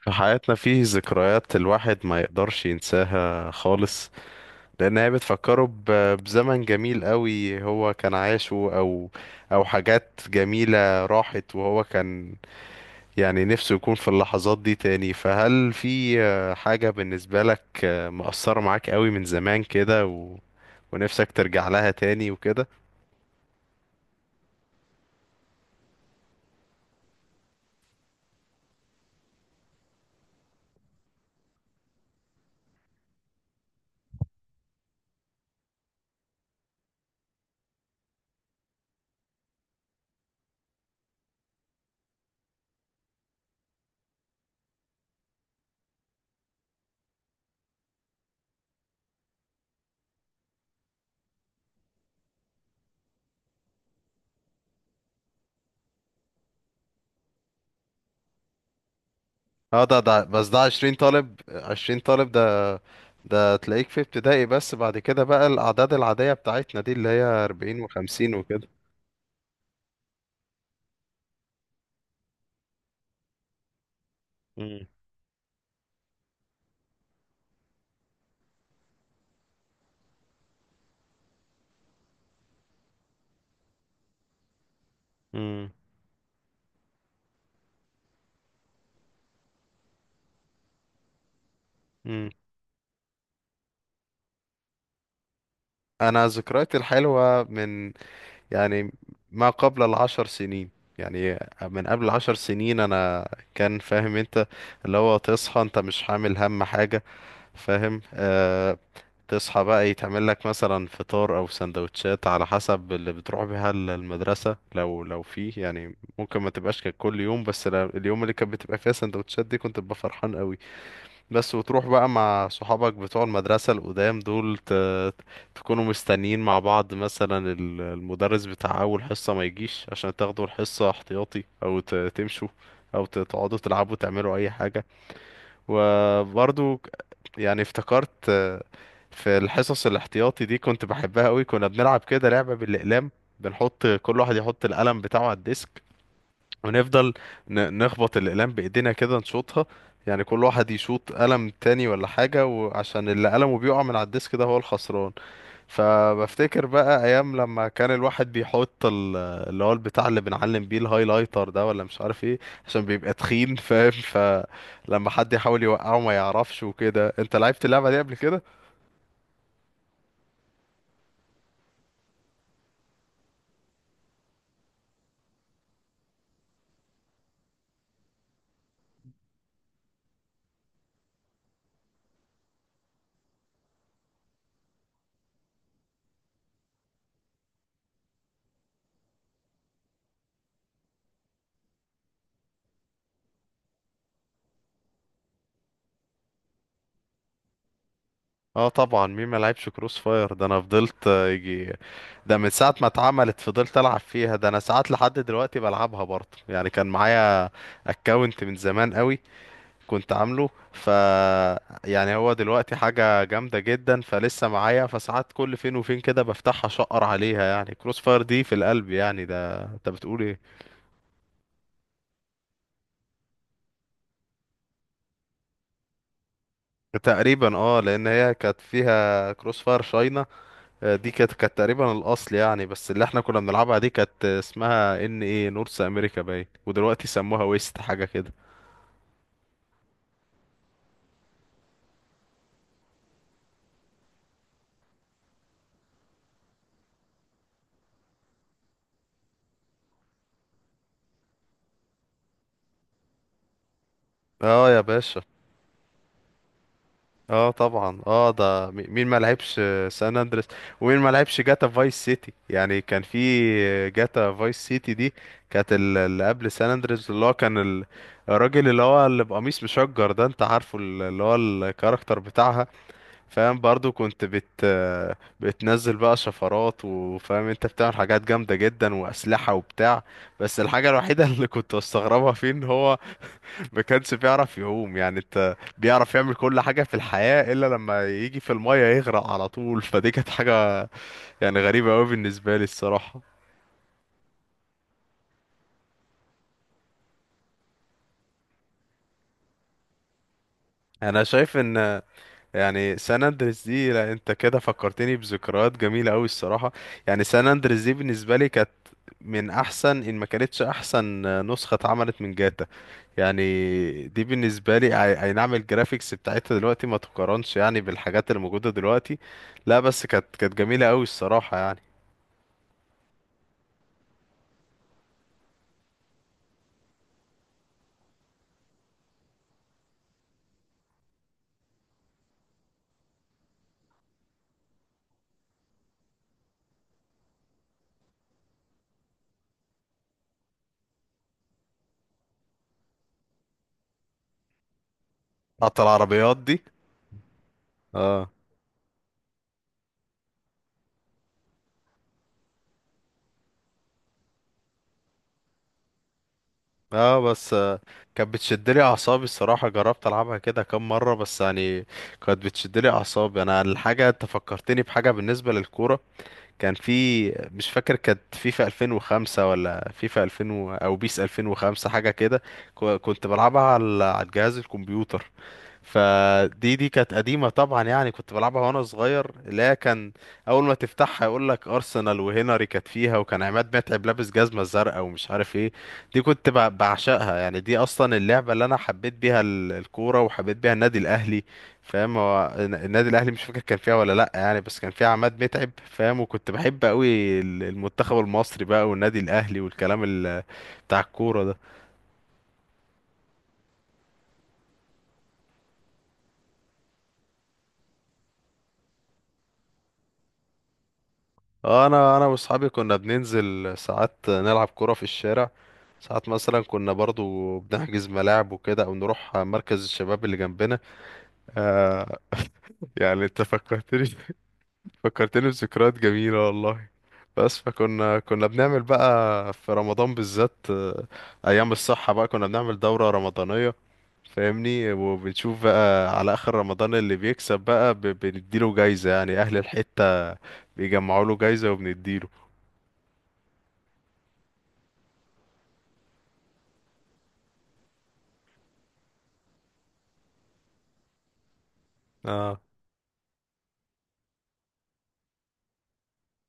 في حياتنا فيه ذكريات الواحد ما يقدرش ينساها خالص، لان هي بتفكره بزمن جميل قوي هو كان عاشه او حاجات جميلة راحت، وهو كان يعني نفسه يكون في اللحظات دي تاني. فهل في حاجة بالنسبة لك مؤثرة معاك قوي من زمان كده ونفسك ترجع لها تاني وكده؟ اه، ده بس ده 20 طالب، 20 طالب، ده تلاقيك في ابتدائي، بس بعد كده بقى الأعداد العادية بتاعتنا دي اللي هي 40 و50 وكده. امم. امم. امم. أنا ذكرياتي الحلوة من، يعني، ما قبل العشر سنين، يعني من قبل 10 سنين. أنا كان فاهم أنت اللي هو تصحى أنت مش حامل هم حاجة، فاهم؟ آه. تصحى بقى يتعمل لك مثلا فطار او سندوتشات على حسب اللي بتروح بيها المدرسة، لو فيه. يعني ممكن ما تبقاش كانت كل يوم، بس اليوم اللي كانت بتبقى فيها سندوتشات دي كنت ببقى فرحان قوي. بس وتروح بقى مع صحابك بتوع المدرسة القدام دول، تكونوا مستنيين مع بعض مثلا المدرس بتاع اول حصة ما يجيش، عشان تاخدوا الحصة احتياطي، او تمشوا، او تقعدوا تلعبوا تعملوا اي حاجة. وبرضو يعني افتكرت، في الحصص الاحتياطي دي كنت بحبها قوي. كنا بنلعب كده لعبة بالأقلام، بنحط كل واحد يحط القلم بتاعه على الديسك، ونفضل نخبط الأقلام بإيدينا كده، نشوطها. يعني كل واحد يشوط قلم تاني ولا حاجة، وعشان اللي قلمه بيقع من على الديسك ده هو الخسران. فبفتكر بقى أيام لما كان الواحد بيحط اللي هو البتاع اللي بنعلم بيه، الهايلايتر ده ولا مش عارف ايه، عشان بيبقى تخين فاهم، فلما حد يحاول يوقعه ما يعرفش وكده. انت لعبت اللعبة دي قبل كده؟ اه طبعا، مين ما لعبش كروس فاير؟ ده انا فضلت، يجي، ده من ساعة ما اتعملت فضلت ألعب فيها. ده أنا ساعات لحد دلوقتي بلعبها برضه، يعني كان معايا اكونت من زمان قوي كنت عامله ف، يعني هو دلوقتي حاجة جامدة جدا فلسه معايا، فساعات كل فين وفين كده بفتحها شقر عليها. يعني كروس فاير دي في القلب، يعني ده انت بتقول ايه. تقريبا اه، لان هي كانت فيها كروس فاير شاينا، دي كانت تقريبا الاصل يعني. بس اللي احنا كنا بنلعبها دي كانت اسمها ان ايه نورث امريكا باين، ودلوقتي سموها ويست حاجة كده. اه يا باشا. اه طبعا، اه مين ما لعبش سان اندريس؟ ومين ما لعبش جاتا فايس سيتي؟ يعني كان في جاتا فايس سيتي دي، كانت اللي قبل سان اندريس، اللي هو كان الراجل اللي هو اللي بقميص مشجر ده، انت عارفه اللي هو الكاركتر بتاعها، فاهم؟ برضو كنت بتنزل بقى شفرات، وفاهم انت بتعمل حاجات جامدة جدا واسلحة وبتاع. بس الحاجة الوحيدة اللي كنت استغربها فيه ان هو ما كانش بيعرف يعوم، يعني انت بيعرف يعمل كل حاجة في الحياة إلا لما يجي في المية يغرق على طول فدي كانت حاجة يعني غريبة أوي بالنسبة لي الصراحة. أنا شايف إن، يعني سان أندريس دي، لا أنت كده فكرتني بذكريات جميلة أوي الصراحة. يعني سان أندريس دي بالنسبة لي كانت من أحسن، إن ما كانتش أحسن، نسخة اتعملت من جاتا. يعني دي بالنسبة لي، أي نعم، الجرافيكس بتاعتها دلوقتي ما تقارنش يعني بالحاجات اللي موجودة دلوقتي، لا، بس كانت جميلة أوي الصراحة يعني. قطر عربيات دي. اه. اه بس، كانت بتشد لي اعصابي الصراحه. جربت العبها كده كام مره بس، يعني كانت بتشد لي اعصابي انا. الحاجه انت فكرتني بحاجه بالنسبه للكوره، كان في، مش فاكر، كانت فيفا 2005 ولا فيفا 2000 او بيس 2005 حاجه كده. كنت بلعبها على الجهاز الكمبيوتر. فدي كانت قديمة طبعا، يعني كنت بلعبها وانا صغير. لا، كان اول ما تفتحها يقول لك ارسنال، وهنري كانت فيها، وكان عماد متعب لابس جزمة زرقاء، ومش عارف ايه. دي كنت بعشقها يعني، دي اصلا اللعبة اللي انا حبيت بيها الكورة، وحبيت بيها النادي الاهلي، فاهم؟ هو النادي الاهلي مش فاكر كان فيها ولا لا يعني، بس كان فيها عماد متعب، فاهم؟ وكنت بحب قوي المنتخب المصري بقى، والنادي الاهلي، والكلام بتاع الكورة ده. اه، انا واصحابي كنا بننزل ساعات نلعب كرة في الشارع. ساعات مثلا كنا برضو بنحجز ملاعب وكده، او نروح مركز الشباب اللي جنبنا. آه، يعني انت فكرتني، فكرتني بذكريات جميلة والله. بس كنا بنعمل بقى في رمضان بالذات، ايام الصحة بقى، كنا بنعمل دورة رمضانية، فاهمني؟ وبنشوف بقى على اخر رمضان اللي بيكسب بقى بنديله جايزة. يعني اهل الحتة بيجمعوا له جايزة وبنديله. اه،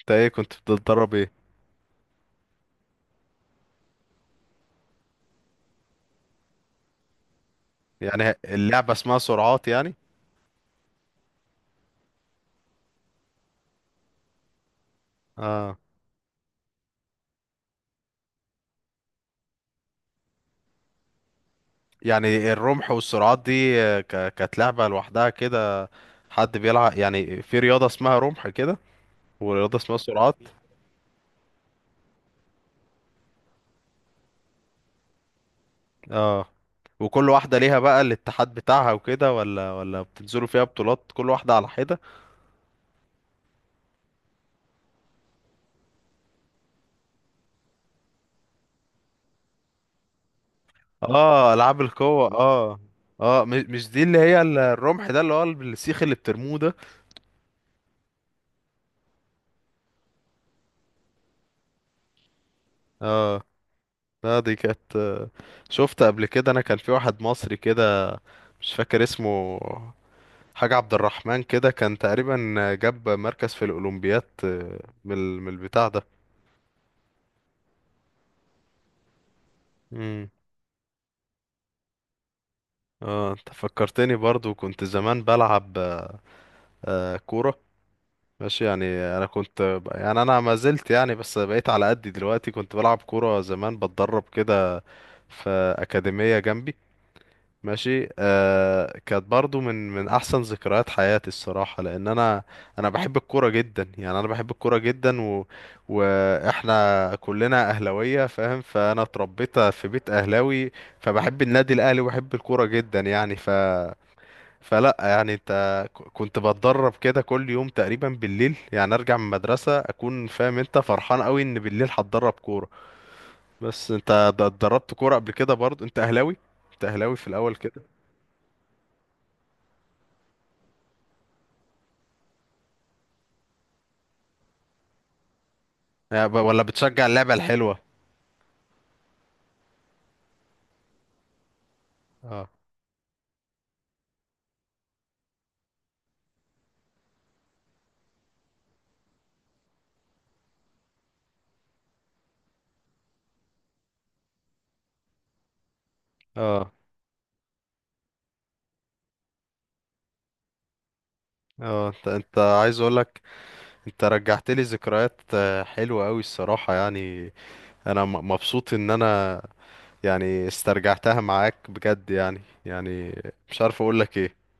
انت ايه كنت بتتدرب ايه؟ يعني اللعبة اسمها سرعات يعني؟ اه، يعني الرمح والسرعات دي، كانت لعبة لوحدها كده؟ حد بيلعب يعني في رياضة اسمها رمح كده، ورياضة اسمها سرعات؟ اه. وكل واحدة ليها بقى الاتحاد بتاعها وكده، ولا بتنزلوا فيها بطولات كل واحدة على حدة؟ اه، العاب القوة. اه اه، مش دي اللي هي الرمح ده اللي هو السيخ اللي بترموه ده؟ اه. لا دي كانت، شفت قبل كده، انا كان في واحد مصري كده مش فاكر اسمه، حاجة عبد الرحمن كده كان تقريبا، جاب مركز في الأولمبياد، من من البتاع ده. امم. اه انت فكرتني، برضو كنت زمان بلعب كورة، ماشي يعني. انا كنت يعني انا ما زلت يعني، بس بقيت على قدي دلوقتي. كنت بلعب كورة زمان، بتدرب كده في أكاديمية جنبي، ماشي آه. كانت برضو من احسن ذكريات حياتي الصراحه، لان انا بحب الكوره جدا. يعني انا بحب الكوره جدا، واحنا كلنا اهلاويه فاهم، فانا اتربيت في بيت اهلاوي، فبحب النادي الاهلي وبحب الكوره جدا يعني. فلا يعني انت كنت بتدرب كده كل يوم تقريبا بالليل، يعني ارجع من المدرسه اكون فاهم انت فرحان قوي ان بالليل هتدرب كوره. بس انت اتدربت كوره قبل كده؟ برضو انت اهلاوي، انت اهلاوي في الاول كده؟ ولا بتشجع اللعبة الحلوة؟ اه. اه. اه انت عايز اقولك، انت رجعت لي ذكريات حلوة قوي الصراحة يعني، انا مبسوط ان انا يعني استرجعتها معاك بجد يعني. يعني مش عارف اقولك ايه.